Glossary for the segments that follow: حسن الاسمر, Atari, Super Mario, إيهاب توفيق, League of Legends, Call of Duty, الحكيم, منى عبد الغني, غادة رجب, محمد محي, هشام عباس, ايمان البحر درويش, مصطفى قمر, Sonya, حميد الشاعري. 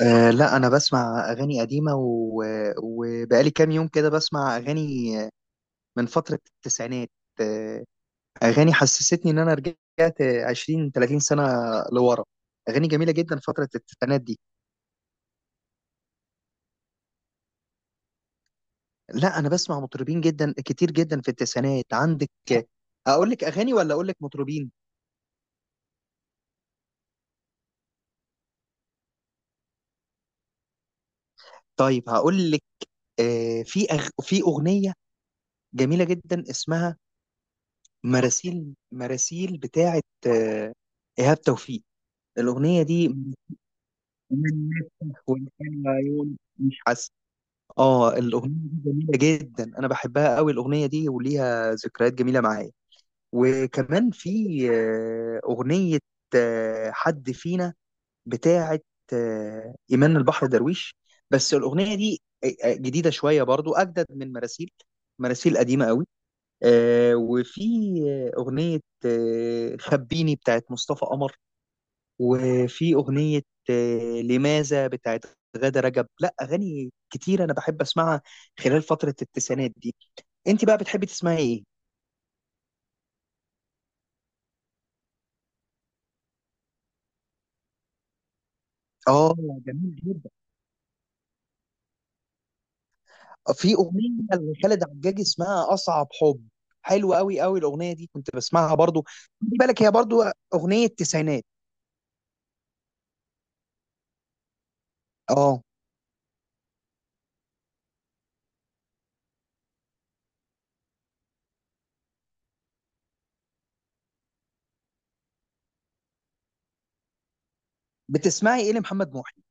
لا، أنا بسمع أغاني قديمة وبقالي كام يوم كده بسمع أغاني من فترة التسعينات. أه أغاني حسستني إن أنا رجعت 20 30 سنة لورا. أغاني جميلة جدا فترة التسعينات دي. لا، أنا بسمع مطربين جدا كتير جدا في التسعينات، عندك. أقول لك أغاني ولا أقول لك مطربين؟ طيب هقول لك. في أغنية جميلة جدا اسمها مراسيل، مراسيل بتاعت إيهاب توفيق. الأغنية دي من نفتح ولسان وعيون مش حاسه. اه، الاغنيه دي جميله جدا، انا بحبها قوي الاغنيه دي، وليها ذكريات جميله معايا. وكمان في اغنيه حد فينا بتاعه ايمان البحر درويش. بس الاغنيه دي جديده شويه برضو، اجدد من مراسيل، مراسيل قديمه قوي. وفي اغنيه خبيني بتاعه مصطفى قمر. وفي أغنية لماذا بتاعت غادة رجب. لا، أغاني كتير أنا بحب أسمعها خلال فترة التسعينات دي. أنت بقى بتحبي تسمعي إيه؟ آه. جميل جدا. في أغنية لخالد عجاج اسمها أصعب حب، حلوة أوي أوي الأغنية دي، كنت بسمعها برضو. خدي بالك، هي برضو أغنية تسعينات. آه. بتسمعي إيه لمحمد محي؟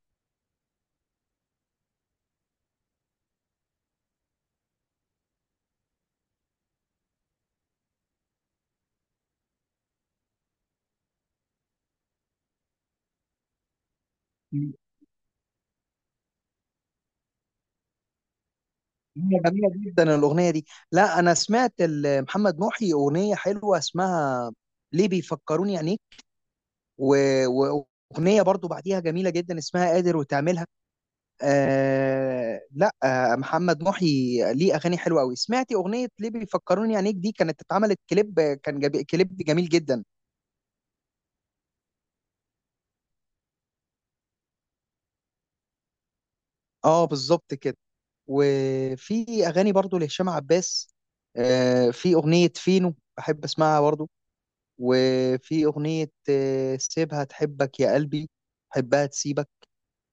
هي جميلة جدا الأغنية دي. لا، أنا سمعت محمد محي أغنية حلوة اسمها ليه بيفكروني يعني، و- و- واغنيه برضو بعديها جميله جدا اسمها قادر وتعملها. لا، محمد محي ليه اغاني حلوه قوي، سمعتي اغنيه ليه بيفكروني؟ عينيك دي كانت اتعملت كليب، كان جبي كليب جميل جدا. اه، بالظبط كده. وفي اغاني برضو لهشام عباس، في اغنيه فينو بحب اسمعها برضو، وفي اغنيه سيبها تحبك يا قلبي، حبها تسيبك،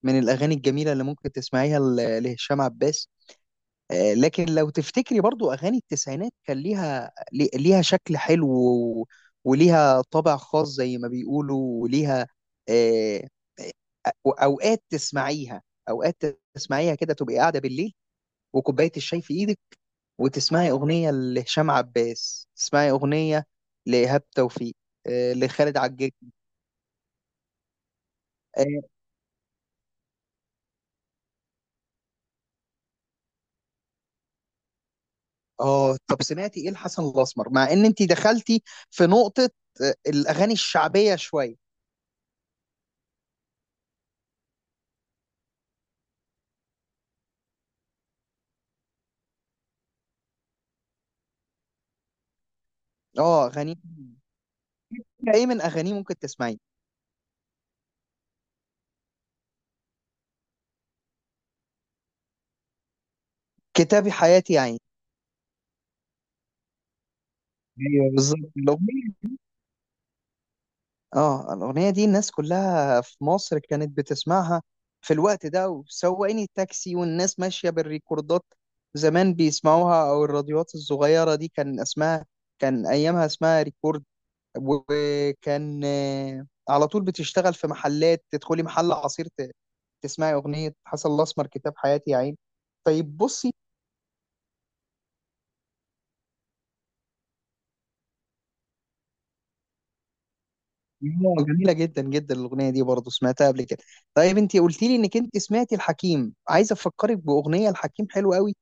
من الاغاني الجميله اللي ممكن تسمعيها لهشام عباس. لكن لو تفتكري برضو اغاني التسعينات كان ليها، ليها شكل حلو، وليها طابع خاص زي ما بيقولوا، وليها آه، أو- اوقات تسمعيها، اوقات تسمعيها كده، تبقي قاعده بالليل وكوبايه الشاي في ايدك، وتسمعي اغنيه لهشام عباس، تسمعي اغنيه لايهاب توفيق، لخالد عجاج. اه. طب سمعتي ايه لحسن الاسمر؟ مع ان انت دخلتي في نقطه، الاغاني الشعبيه شويه. اه، اغاني ايه من اغانيه ممكن تسمعيه؟ كتابي حياتي يا عين. ايوه، بالظبط الاغنيه. اه، الاغنيه دي الناس كلها في مصر كانت بتسمعها في الوقت ده، وسواقين التاكسي والناس ماشيه بالريكوردات زمان بيسمعوها، او الراديوات الصغيره دي كان اسمها، كان ايامها اسمها ريكورد. وكان على طول بتشتغل في محلات، تدخلي محل عصير تسمعي اغنيه حسن الاسمر كتاب حياتي يا عين. طيب بصي، جميلة جدا جدا الأغنية دي برضو، سمعتها قبل كده. طيب انت قلت لي انك انت سمعتي الحكيم، عايز افكرك بأغنية الحكيم حلوة قوي،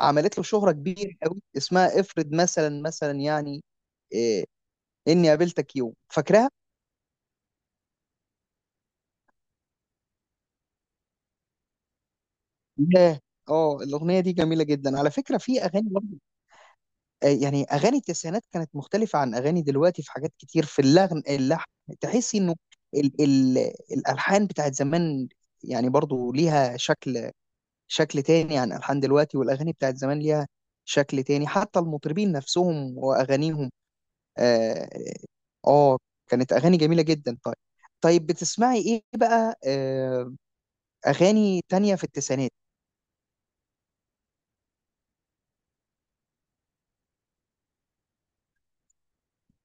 عملت له شهرة كبيرة قوي، اسمها افرض مثلا، يعني إيه اني قابلتك يوم، فاكراها؟ لا. اه، الأغنية دي جميلة جدا على فكرة. في أغاني برضو، يعني أغاني التسعينات كانت مختلفة عن أغاني دلوقتي في حاجات كتير في اللحن، تحسي انه ال ال الألحان بتاعت زمان، يعني برضو ليها شكل تاني عن ألحان دلوقتي، والأغاني بتاعت زمان ليها شكل تاني، حتى المطربين نفسهم وأغانيهم. آه, آه كانت أغاني جميلة جدا. طيب، طيب بتسمعي إيه بقى؟ أغاني تانية في التسعينات؟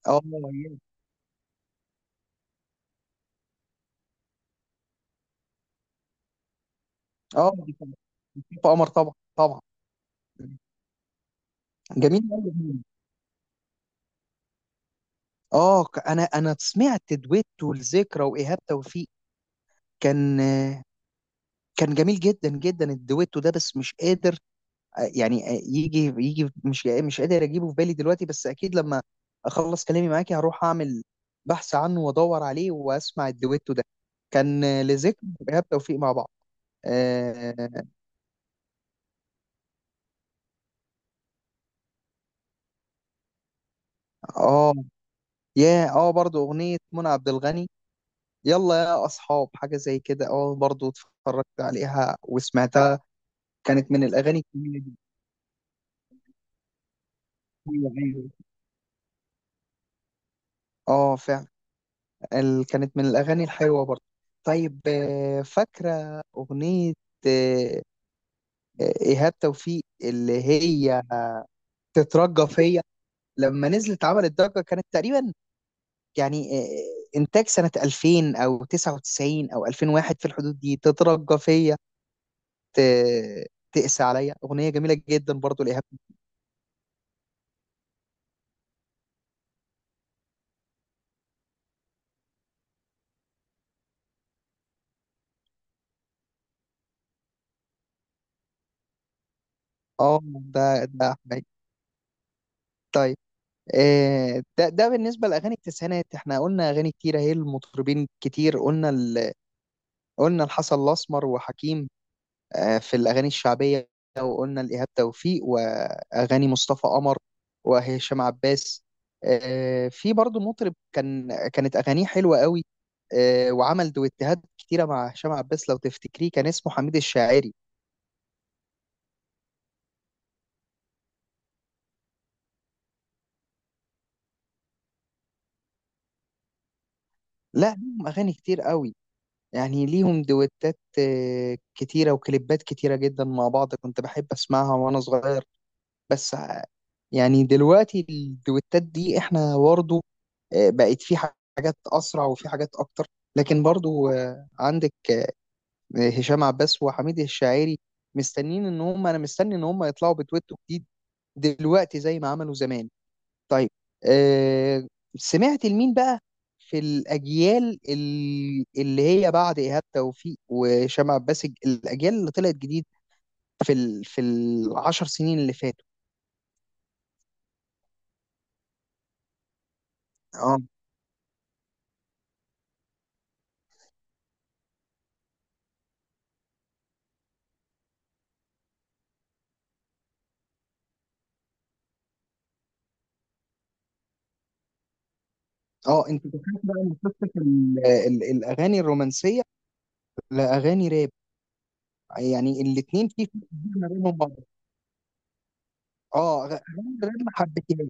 آه. آه، في قمر، طبعا طبعا. جميل أوي. أنا سمعت دويتو الذكرى وإيهاب توفيق، كان آه، كان جميل جدا جدا الدويتو ده، بس مش قادر يعني يجي، مش قادر اجيبه في بالي دلوقتي، بس اكيد لما اخلص كلامي معاكي هروح اعمل بحث عنه وادور عليه واسمع الدويتو ده، كان لذكر ايهاب توفيق مع بعض. اه. آه، يا اه برضو اغنيه منى عبد الغني، يلا يا اصحاب، حاجه زي كده، اه برضو اتفرجت عليها وسمعتها، كانت من الاغاني الجميلة جدا. ايوه، ايوه. اه، فعلا. كانت من الاغاني الحلوه برضو. طيب، فاكره اغنيه ايهاب توفيق اللي هي تترجى فيا؟ لما نزلت عملت ضجه، كانت تقريبا يعني انتاج سنه 2000 او 99 او 2001، في الحدود دي، تترجى فيا ت- تقسى عليا، اغنيه جميله جدا برضو لايهاب. اه، ده حقيقي. طيب، آه، ده ده بالنسبه لاغاني التسعينات، احنا قلنا اغاني كتيره، هي المطربين كتير. قلنا الحسن الاسمر وحكيم، في الأغاني الشعبية، وقلنا لإيهاب توفيق وأغاني مصطفى قمر وهشام عباس. في برضو مطرب كانت أغانيه حلوة قوي، وعمل دويتهات كتيرة مع هشام عباس، لو تفتكريه كان اسمه حميد الشاعري. لا، ليهم أغاني كتير قوي، يعني ليهم دويتات كتيرة وكليبات كتيرة جدا مع بعض، كنت بحب أسمعها وأنا صغير. بس ع- يعني دلوقتي الدويتات دي احنا برضه بقت في حاجات اسرع وفي حاجات اكتر، لكن برضو عندك هشام عباس وحميد الشاعري، مستنين ان هم انا مستني ان هم يطلعوا بتويتو جديد دلوقتي زي ما عملوا زمان. طيب، آه، سمعت لمين بقى في الاجيال، اللي هي بعد ايهاب توفيق وهشام عباس، الاجيال اللي طلعت جديد في في العشر سنين اللي فاتوا؟ اه، انت دخلت بقى مسكت الاغاني الرومانسيه لاغاني راب، يعني الاثنين في فرق كبير ما بينهم بعض. اه، اغاني الراب ما حبيتهاش.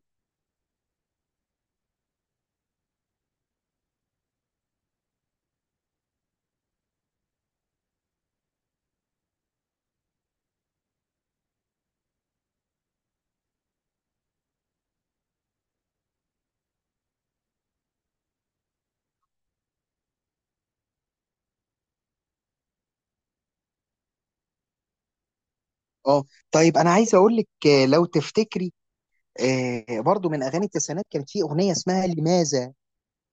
اه، طيب انا عايز اقول لك، لو تفتكري برضو من اغاني التسعينات، كانت في اغنيه اسمها لماذا،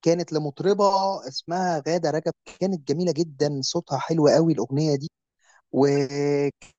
كانت لمطربه اسمها غاده رجب، كانت جميله جدا، صوتها حلو قوي الاغنيه دي.